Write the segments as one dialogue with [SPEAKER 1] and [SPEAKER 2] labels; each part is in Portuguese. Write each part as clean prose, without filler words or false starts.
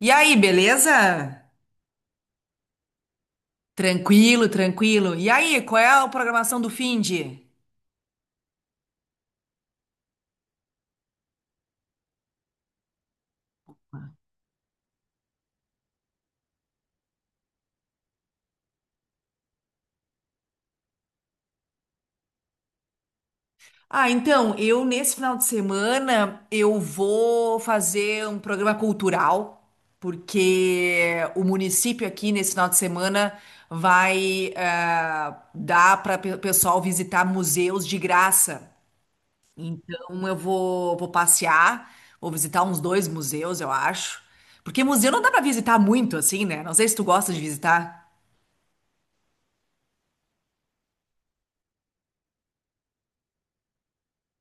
[SPEAKER 1] E aí, beleza? Tranquilo, tranquilo. E aí, qual é a programação do finde? Ah, então, eu nesse final de semana eu vou fazer um programa cultural, porque o município aqui nesse final de semana vai dar para o pessoal visitar museus de graça. Então eu vou passear, vou visitar uns dois museus, eu acho. Porque museu não dá para visitar muito assim, né? Não sei se tu gosta de visitar.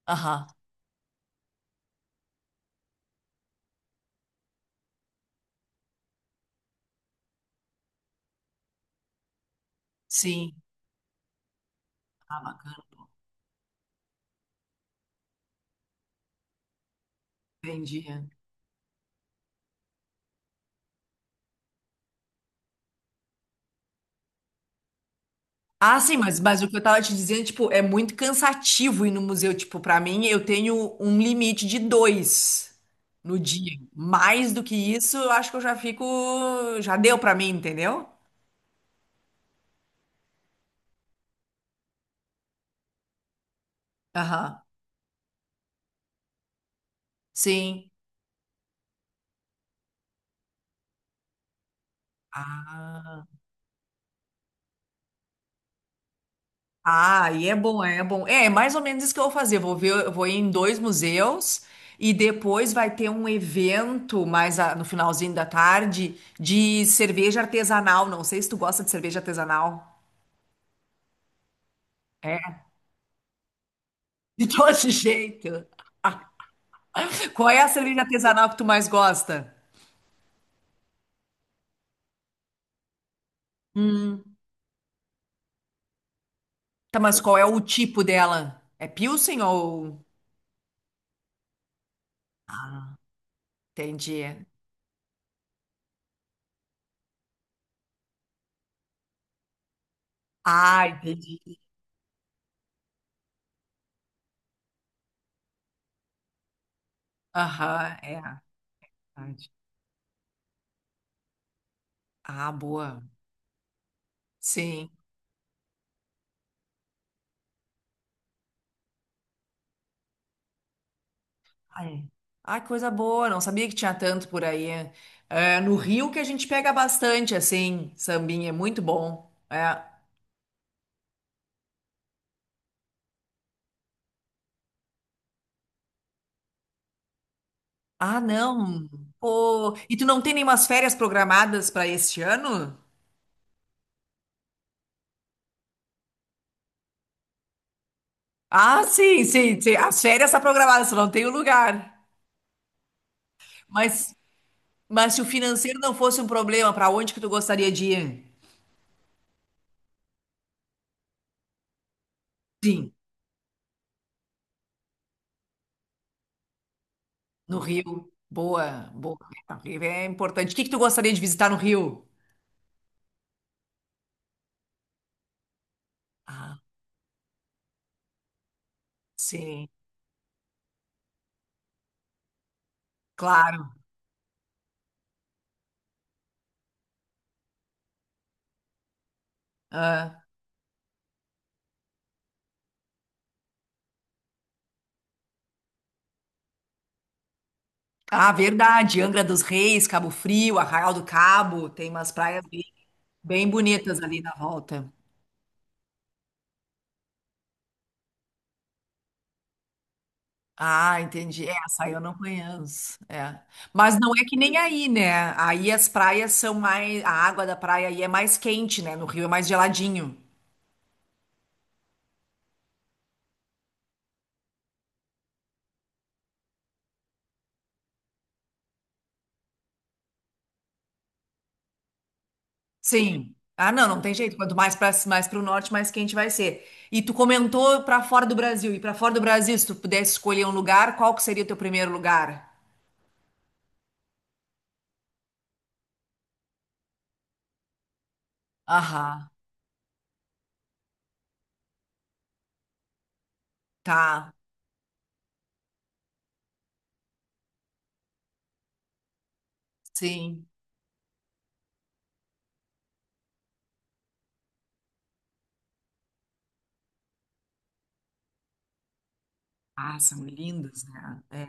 [SPEAKER 1] Aham. Sim. Ah, bacana, entendi. Ah, sim, mas o que eu tava te dizendo, tipo, é muito cansativo ir no museu. Tipo, pra mim, eu tenho um limite de dois no dia. Mais do que isso, eu acho que eu já fico. Já deu pra mim, entendeu? Aham. Sim. Ah. Ah, e é bom, é bom. É mais ou menos isso que eu vou fazer. Vou ver, eu vou ir em dois museus e depois vai ter um evento mais no finalzinho da tarde de cerveja artesanal. Não sei se tu gosta de cerveja artesanal. É, de todo jeito. Qual é a cerveja artesanal que tu mais gosta? Hum. Tá, mas qual é o tipo dela? É Pilsen ou... Entendi. Ah, entendi. Aham, é. Verdade. Ah, boa. Sim. Ah, é. Ah, que coisa boa, não sabia que tinha tanto por aí. É, no Rio que a gente pega bastante, assim, sambinha, é muito bom. É. Ah, não. Pô, e tu não tem nenhumas férias programadas para este ano? Ah, sim, sim, sim. As férias estão programadas, só não tem o lugar. Mas, mas se o financeiro não fosse um problema, para onde que tu gostaria de ir? Sim, no Rio. Boa, boa. O Rio é importante. O que que tu gostaria de visitar no Rio? Ah, sim, claro. Ah. Ah, verdade. Angra dos Reis, Cabo Frio, Arraial do Cabo, tem umas praias bem, bem bonitas ali na volta. Ah, entendi. É, essa eu não conheço. É. Mas não é que nem aí, né? Aí as praias são mais. A água da praia aí é mais quente, né? No Rio é mais geladinho. Sim. Ah, não, não tem jeito. Quanto mais para o norte, mais quente vai ser. E tu comentou para fora do Brasil. E para fora do Brasil, se tu pudesse escolher um lugar, qual que seria o teu primeiro lugar? Aham, tá. Sim. Ah, são lindos, né? É.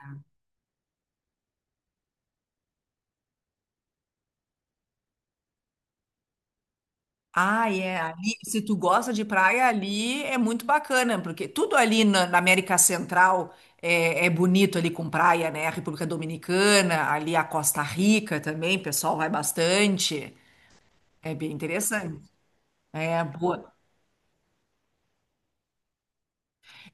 [SPEAKER 1] Ah, é. Ali, se tu gosta de praia, ali é muito bacana, porque tudo ali na, América Central é bonito ali com praia, né? A República Dominicana, ali a Costa Rica também, o pessoal vai bastante. É bem interessante. É boa.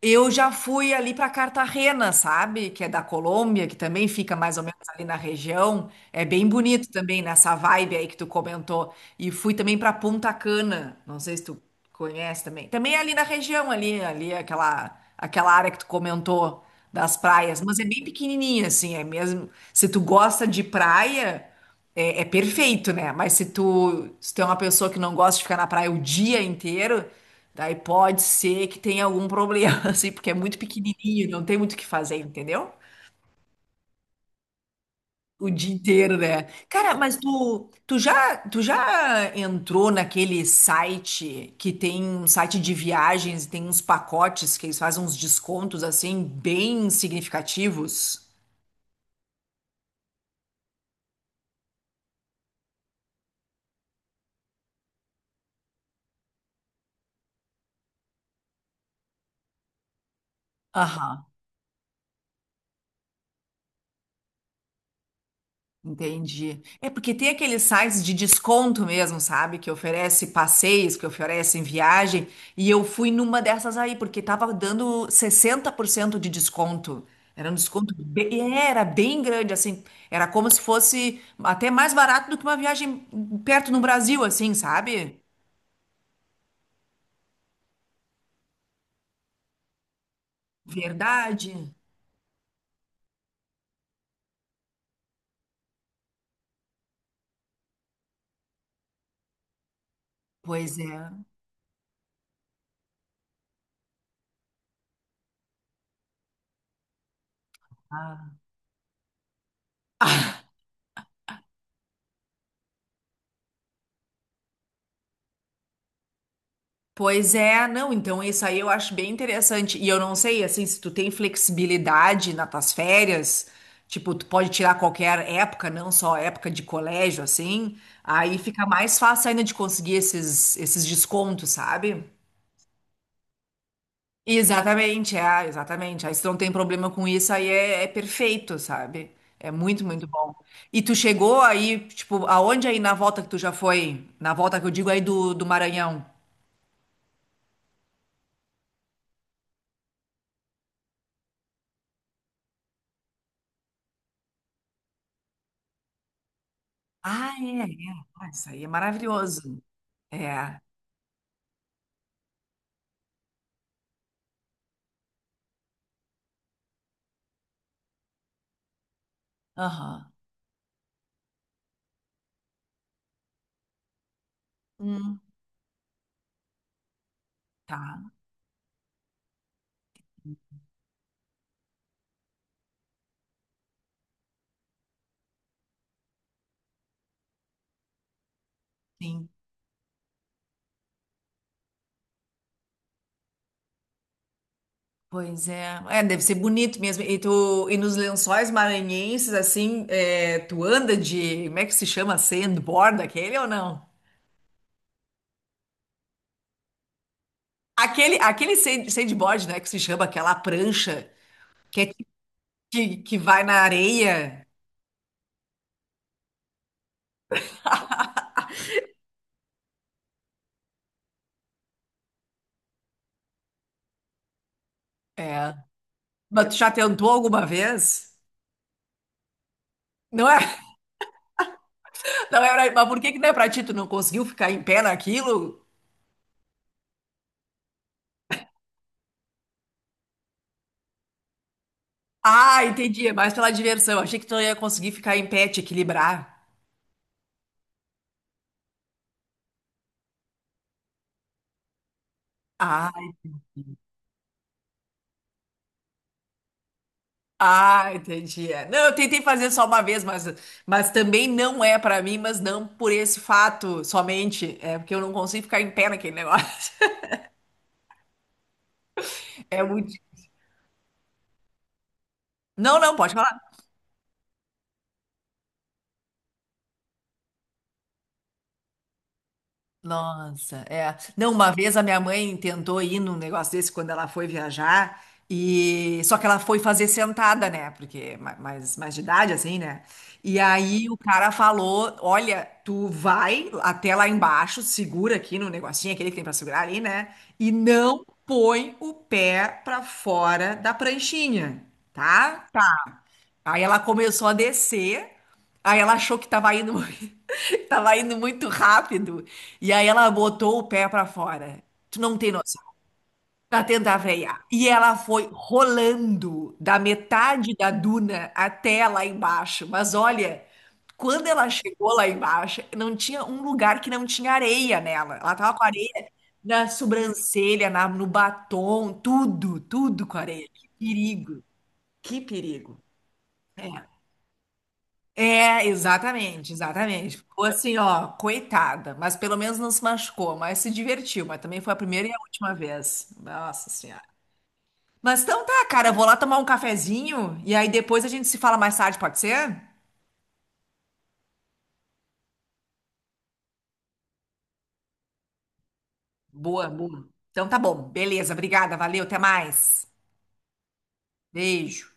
[SPEAKER 1] Eu já fui ali para Cartagena, sabe? Que é da Colômbia, que também fica mais ou menos ali na região. É bem bonito também nessa vibe aí que tu comentou. E fui também para Punta Cana. Não sei se tu conhece também. Também é ali na região ali aquela área que tu comentou das praias, mas é bem pequenininha assim, é mesmo. Se tu gosta de praia, é perfeito, né? Mas se tu é uma pessoa que não gosta de ficar na praia o dia inteiro, daí pode ser que tenha algum problema, assim, porque é muito pequenininho, não tem muito o que fazer, entendeu? O dia inteiro, né? Cara, mas tu, tu já entrou naquele site que tem um site de viagens e tem uns pacotes que eles fazem uns descontos, assim, bem significativos? Aham. Entendi. É porque tem aqueles sites de desconto mesmo, sabe? Que oferece passeios, que oferecem viagem. E eu fui numa dessas aí, porque tava dando 60% de desconto. Era um desconto bem, era bem grande, assim. Era como se fosse até mais barato do que uma viagem perto no Brasil, assim, sabe? Verdade. Pois é. Ah. Pois é, não, então isso aí eu acho bem interessante. E eu não sei, assim, se tu tem flexibilidade nas tuas férias, tipo, tu pode tirar qualquer época, não só época de colégio, assim, aí fica mais fácil ainda de conseguir esses descontos, sabe? Exatamente, é, exatamente. Aí se não tem problema com isso, aí é perfeito, sabe? É muito, muito bom. E tu chegou aí, tipo, aonde aí na volta que tu já foi? Na volta que eu digo aí do, Maranhão? Ah, é. Ah, isso aí é maravilhoso. É. Aham. Hum, tá, sim. Pois é. É, deve ser bonito mesmo. E, e nos Lençóis Maranhenses, assim, tu anda de. Como é que se chama? Sandboard, aquele ou não? Aquele sandboard, né? Que se chama aquela prancha que, é, ti- que vai na areia. É. Mas tu já tentou alguma vez? Não é? Não é, mas por que que não é pra ti? Tu não conseguiu ficar em pé naquilo? Ah, entendi. É mais pela diversão. Achei que tu não ia conseguir ficar em pé, te equilibrar. Ah, ah, entendi. É. Não, eu tentei fazer só uma vez, mas também não é pra mim, mas não por esse fato somente. É porque eu não consigo ficar em pé naquele negócio. É muito. Não, não, pode falar. Nossa, é. Não, uma vez a minha mãe tentou ir num negócio desse quando ela foi viajar, e só que ela foi fazer sentada, né? Porque é mais de idade, assim, né? E aí o cara falou: Olha, tu vai até lá embaixo, segura aqui no negocinho, aquele que tem pra segurar ali, né? E não põe o pé pra fora da pranchinha, tá? Aí ela começou a descer, aí ela achou que tava indo, tava indo muito rápido, e aí ela botou o pé pra fora. Tu não tem noção. Pra tentar frear. E ela foi rolando da metade da duna até lá embaixo. Mas olha, quando ela chegou lá embaixo, não tinha um lugar que não tinha areia nela. Ela tava com areia na sobrancelha, no batom, tudo, tudo com areia. Que perigo, que perigo. É. Exatamente, exatamente. Ficou assim, ó, coitada, mas pelo menos não se machucou, mas se divertiu, mas também foi a primeira e a última vez. Nossa Senhora. Mas então tá, cara, eu vou lá tomar um cafezinho e aí depois a gente se fala mais tarde, pode ser? Boa, boa. Então tá bom, beleza, obrigada, valeu, até mais. Beijo.